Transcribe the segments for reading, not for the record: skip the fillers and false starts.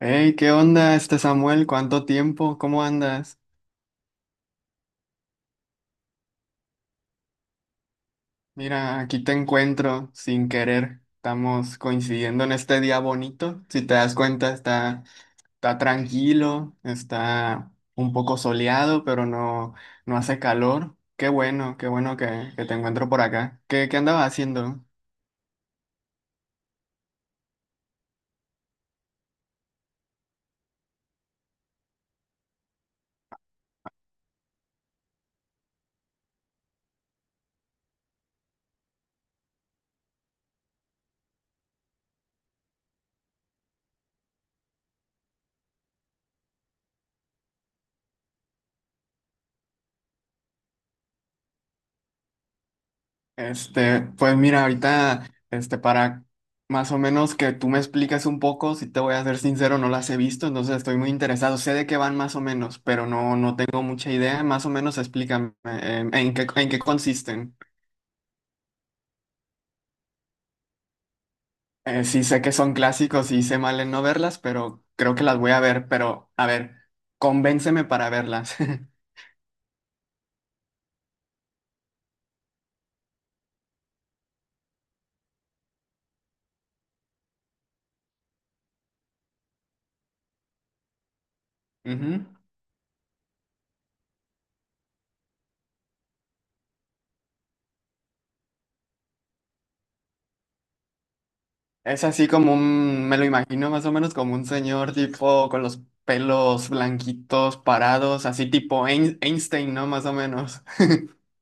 Hey, ¿qué onda este Samuel? ¿Cuánto tiempo? ¿Cómo andas? Mira, aquí te encuentro sin querer. Estamos coincidiendo en este día bonito. Si te das cuenta, está tranquilo, está un poco soleado, pero no, no hace calor. Qué bueno que te encuentro por acá. ¿Qué andabas haciendo? Este, pues mira, ahorita, este, para más o menos que tú me expliques un poco, si te voy a ser sincero, no las he visto, entonces estoy muy interesado. Sé de qué van más o menos, pero no, no tengo mucha idea. Más o menos explícame en qué consisten. Sí sé que son clásicos y hice mal en no verlas, pero creo que las voy a ver, pero a ver, convénceme para verlas. Ujú. Es así como me lo imagino más o menos como un señor tipo con los pelos blanquitos parados, así tipo Einstein, ¿no? Más o menos.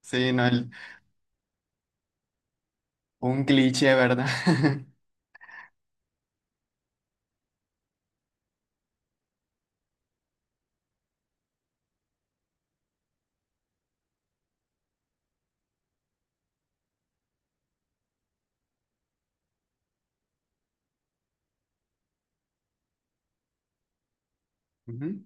Sí, no, un cliché, ¿verdad? Ujú.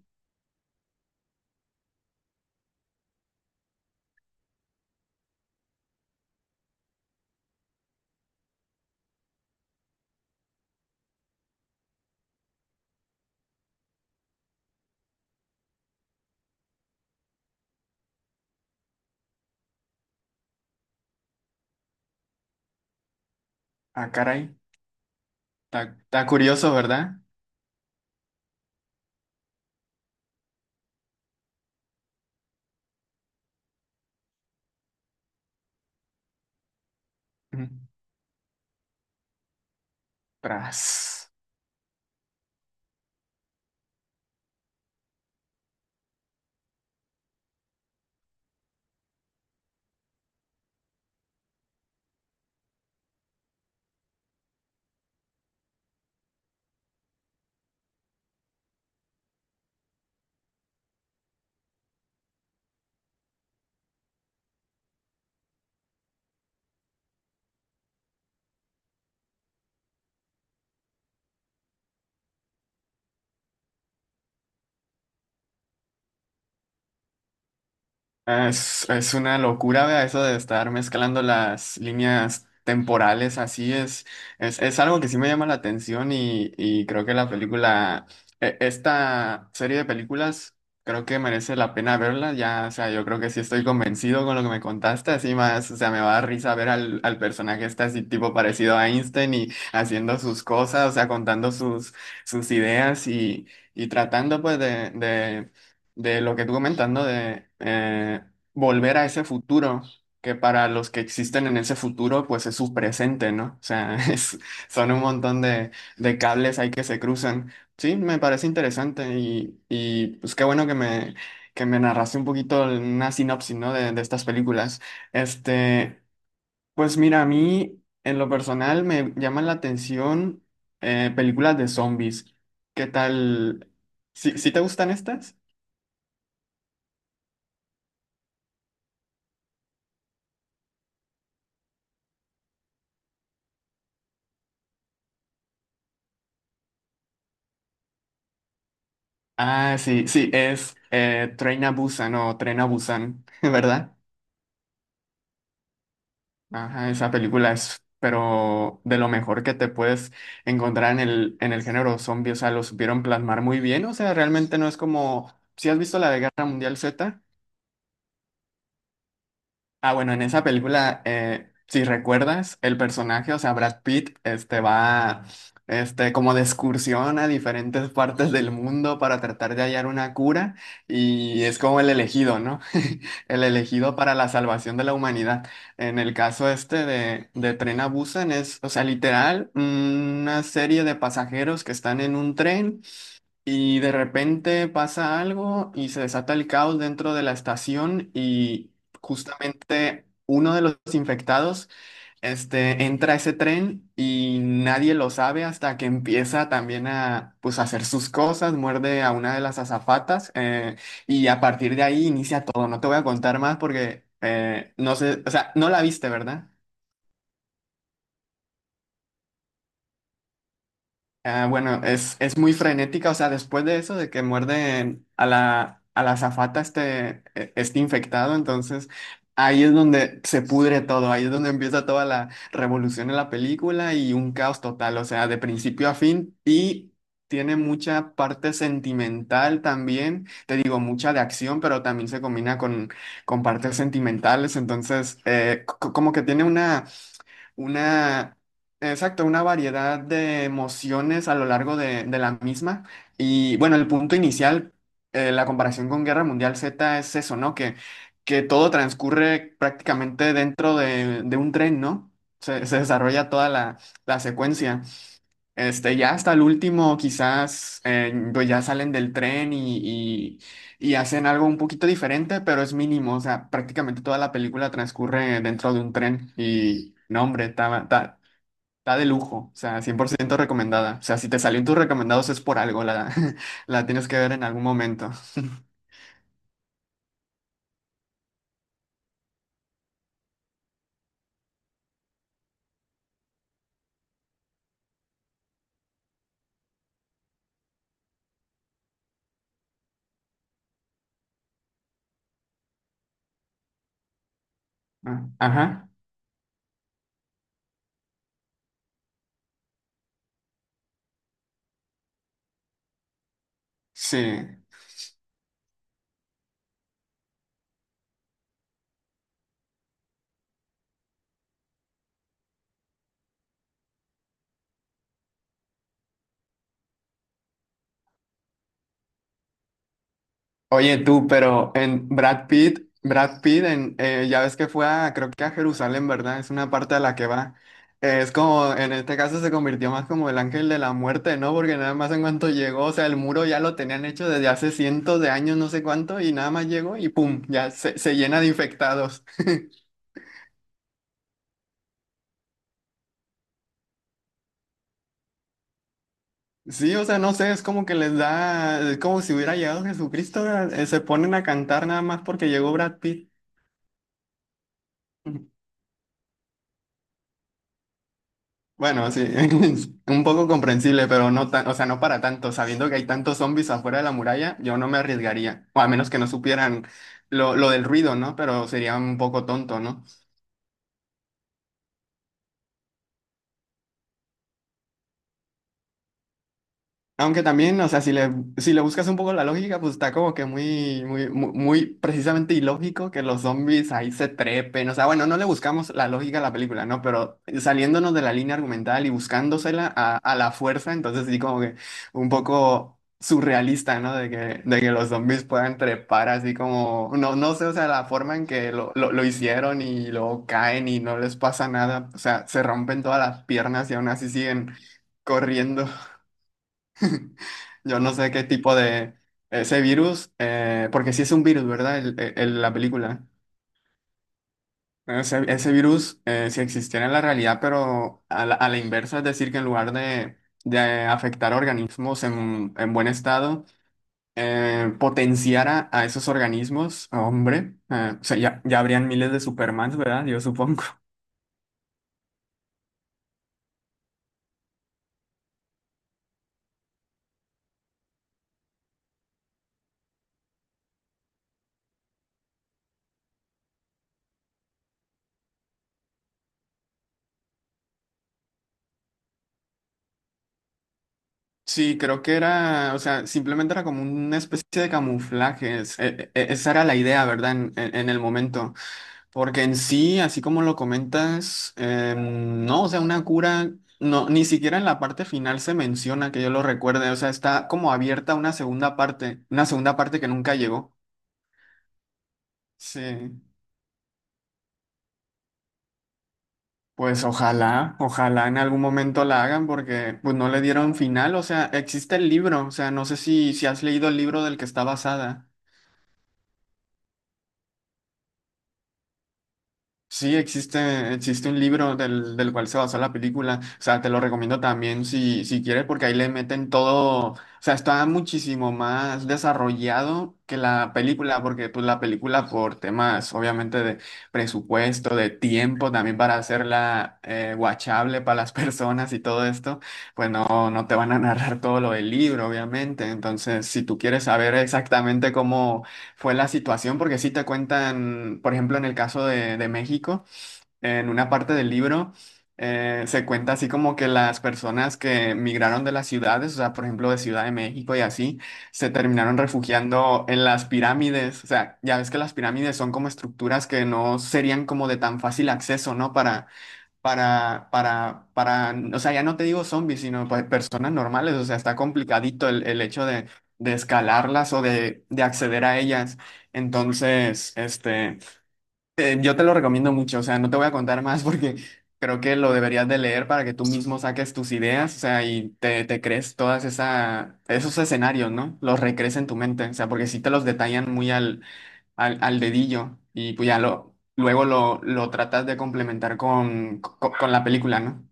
Ah, caray. Está curioso, ¿verdad? Ujú. Tras. Ah, es una locura, vea, eso de estar mezclando las líneas temporales, así es, es algo que sí me llama la atención y creo que la película, esta serie de películas, creo que merece la pena verla, ya, o sea, yo creo que sí estoy convencido con lo que me contaste, así más, o sea, me va a dar risa ver al personaje este así tipo parecido a Einstein y haciendo sus cosas, o sea, contando sus ideas y tratando pues de lo que tú comentas, ¿no? De volver a ese futuro, que para los que existen en ese futuro, pues es su presente, ¿no? O sea, son un montón de cables ahí que se cruzan. Sí, me parece interesante y pues qué bueno que me, narraste un poquito una sinopsis, ¿no? De estas películas. Este, pues mira, a mí en lo personal me llaman la atención películas de zombies. ¿Qué tal? ¿Sí, sí te gustan estas? Ah, sí, sí, es Train a Busan o Tren a Busan, ¿verdad? Ajá, esa película es, pero de lo mejor que te puedes encontrar en el género zombie, o sea, lo supieron plasmar muy bien, o sea, realmente no es como, ¿si has visto la de Guerra Mundial Z? Ah, bueno, en esa película, si recuerdas, el personaje, o sea, Brad Pitt, este va, este, como de excursión a diferentes partes del mundo para tratar de hallar una cura y es como el elegido, ¿no? El elegido para la salvación de la humanidad. En el caso este de Tren a Busan es, o sea, literal, una serie de pasajeros que están en un tren y de repente pasa algo y se desata el caos dentro de la estación y justamente uno de los infectados, este, entra a ese tren y nadie lo sabe hasta que empieza también a, pues, hacer sus cosas, muerde a una de las azafatas y a partir de ahí inicia todo. No te voy a contar más porque no sé, o sea, no la viste, ¿verdad? Ah, bueno, es muy frenética, o sea, después de eso, de que muerde a la, azafata este, este infectado, entonces ahí es donde se pudre todo, ahí es donde empieza toda la revolución en la película y un caos total, o sea, de principio a fin y tiene mucha parte sentimental también, te digo, mucha de acción, pero también se combina con partes sentimentales, entonces como que tiene una, exacto, una variedad de emociones a lo largo de la misma. Y bueno, el punto inicial, la comparación con Guerra Mundial Z es eso, ¿no? Que todo transcurre prácticamente dentro de un tren, ¿no? Se desarrolla toda la secuencia. Este, ya hasta el último, quizás, pues ya salen del tren y hacen algo un poquito diferente, pero es mínimo. O sea, prácticamente toda la película transcurre dentro de un tren. Y no, hombre, está de lujo. O sea, 100% recomendada. O sea, si te salió en tus recomendados es por algo. La, la tienes que ver en algún momento. Ah, ajá. Sí. Oye, tú, pero en Brad Pitt, Brad Pitt, en, ya ves que fue creo que a Jerusalén, ¿verdad? Es una parte a la que va. Es como, en este caso se convirtió más como el ángel de la muerte, ¿no? Porque nada más en cuanto llegó, o sea, el muro ya lo tenían hecho desde hace cientos de años, no sé cuánto, y nada más llegó y pum, ya se llena de infectados. Sí, o sea, no sé, es como que les da, es como si hubiera llegado Jesucristo, ¿verdad? Se ponen a cantar nada más porque llegó Brad Pitt. Bueno, sí, es un poco comprensible, pero no tan, o sea, no para tanto. Sabiendo que hay tantos zombies afuera de la muralla, yo no me arriesgaría. O a menos que no supieran lo del ruido, ¿no? Pero sería un poco tonto, ¿no? Aunque también, o sea, si le, buscas un poco la lógica, pues está como que muy, muy, muy, muy precisamente ilógico que los zombies ahí se trepen. O sea, bueno, no le buscamos la lógica a la película, ¿no? Pero saliéndonos de la línea argumental y buscándosela a la fuerza, entonces sí como que un poco surrealista, ¿no? De que los zombies puedan trepar así como, no, no sé, o sea, la forma en que lo hicieron y luego caen y no les pasa nada. O sea, se rompen todas las piernas y aún así siguen corriendo. Yo no sé qué tipo de ese virus, porque sí es un virus, ¿verdad? La película. Ese virus, si existiera en la realidad, pero a la, inversa, es decir, que en lugar de, afectar organismos en buen estado, potenciara a esos organismos, hombre, o sea, ya, ya habrían miles de Supermans, ¿verdad? Yo supongo. Sí, creo que era, o sea, simplemente era como una especie de camuflajes. Esa era la idea, ¿verdad? En el momento. Porque en sí, así como lo comentas, no, o sea, una cura, no, ni siquiera en la parte final se menciona que yo lo recuerde, o sea, está como abierta una segunda parte que nunca llegó. Sí, pues ojalá, ojalá en algún momento la hagan porque pues no le dieron final, o sea, existe el libro, o sea, no sé si, si has leído el libro del que está basada. Sí, existe, existe un libro del cual se basó la película. O sea, te lo recomiendo también si, si quieres, porque ahí le meten todo. O sea, está muchísimo más desarrollado que la película, porque pues la película por temas, obviamente, de presupuesto, de tiempo, también para hacerla watchable para las personas y todo esto, pues no, no te van a narrar todo lo del libro, obviamente. Entonces, si tú quieres saber exactamente cómo fue la situación, porque sí te cuentan, por ejemplo, en el caso de, México, en una parte del libro, se cuenta así como que las personas que migraron de las ciudades, o sea, por ejemplo, de Ciudad de México y así, se terminaron refugiando en las pirámides. O sea, ya ves que las pirámides son como estructuras que no serían como de tan fácil acceso, ¿no? Para o sea, ya no te digo zombies, sino pues personas normales, o sea, está complicadito el hecho de, escalarlas o de acceder a ellas. Entonces, este, yo te lo recomiendo mucho, o sea, no te voy a contar más porque creo que lo deberías de leer para que tú mismo saques tus ideas, o sea, y te crees todas esos escenarios, ¿no? Los recrees en tu mente, o sea, porque sí te los detallan muy al dedillo y pues ya luego lo tratas de complementar con la película, ¿no?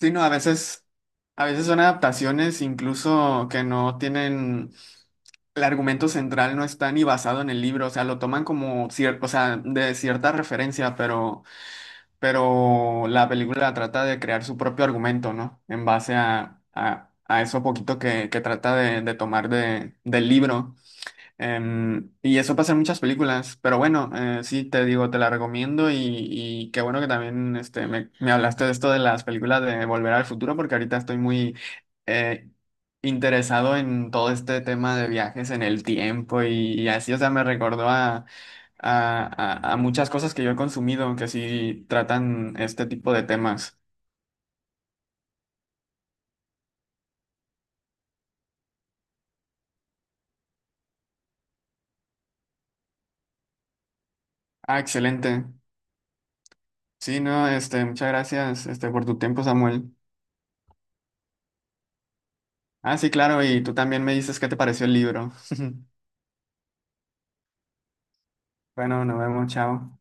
Sí, no, a veces son adaptaciones incluso que no tienen, el argumento central no está ni basado en el libro, o sea, lo toman como cierto, o sea, de cierta referencia, pero la película trata de crear su propio argumento, ¿no? En base a eso poquito que trata de tomar del libro. Y eso pasa en muchas películas, pero bueno, sí, te digo, te la recomiendo y qué bueno que también este, me hablaste de esto de las películas de Volver al Futuro, porque ahorita estoy muy eh, interesado en todo este tema de viajes en el tiempo y así, o sea, me recordó a muchas cosas que yo he consumido que sí tratan este tipo de temas. Ah, excelente. Sí, no, este, muchas gracias, este, por tu tiempo, Samuel. Ah, sí, claro, y tú también me dices qué te pareció el libro. Bueno, nos vemos, chao.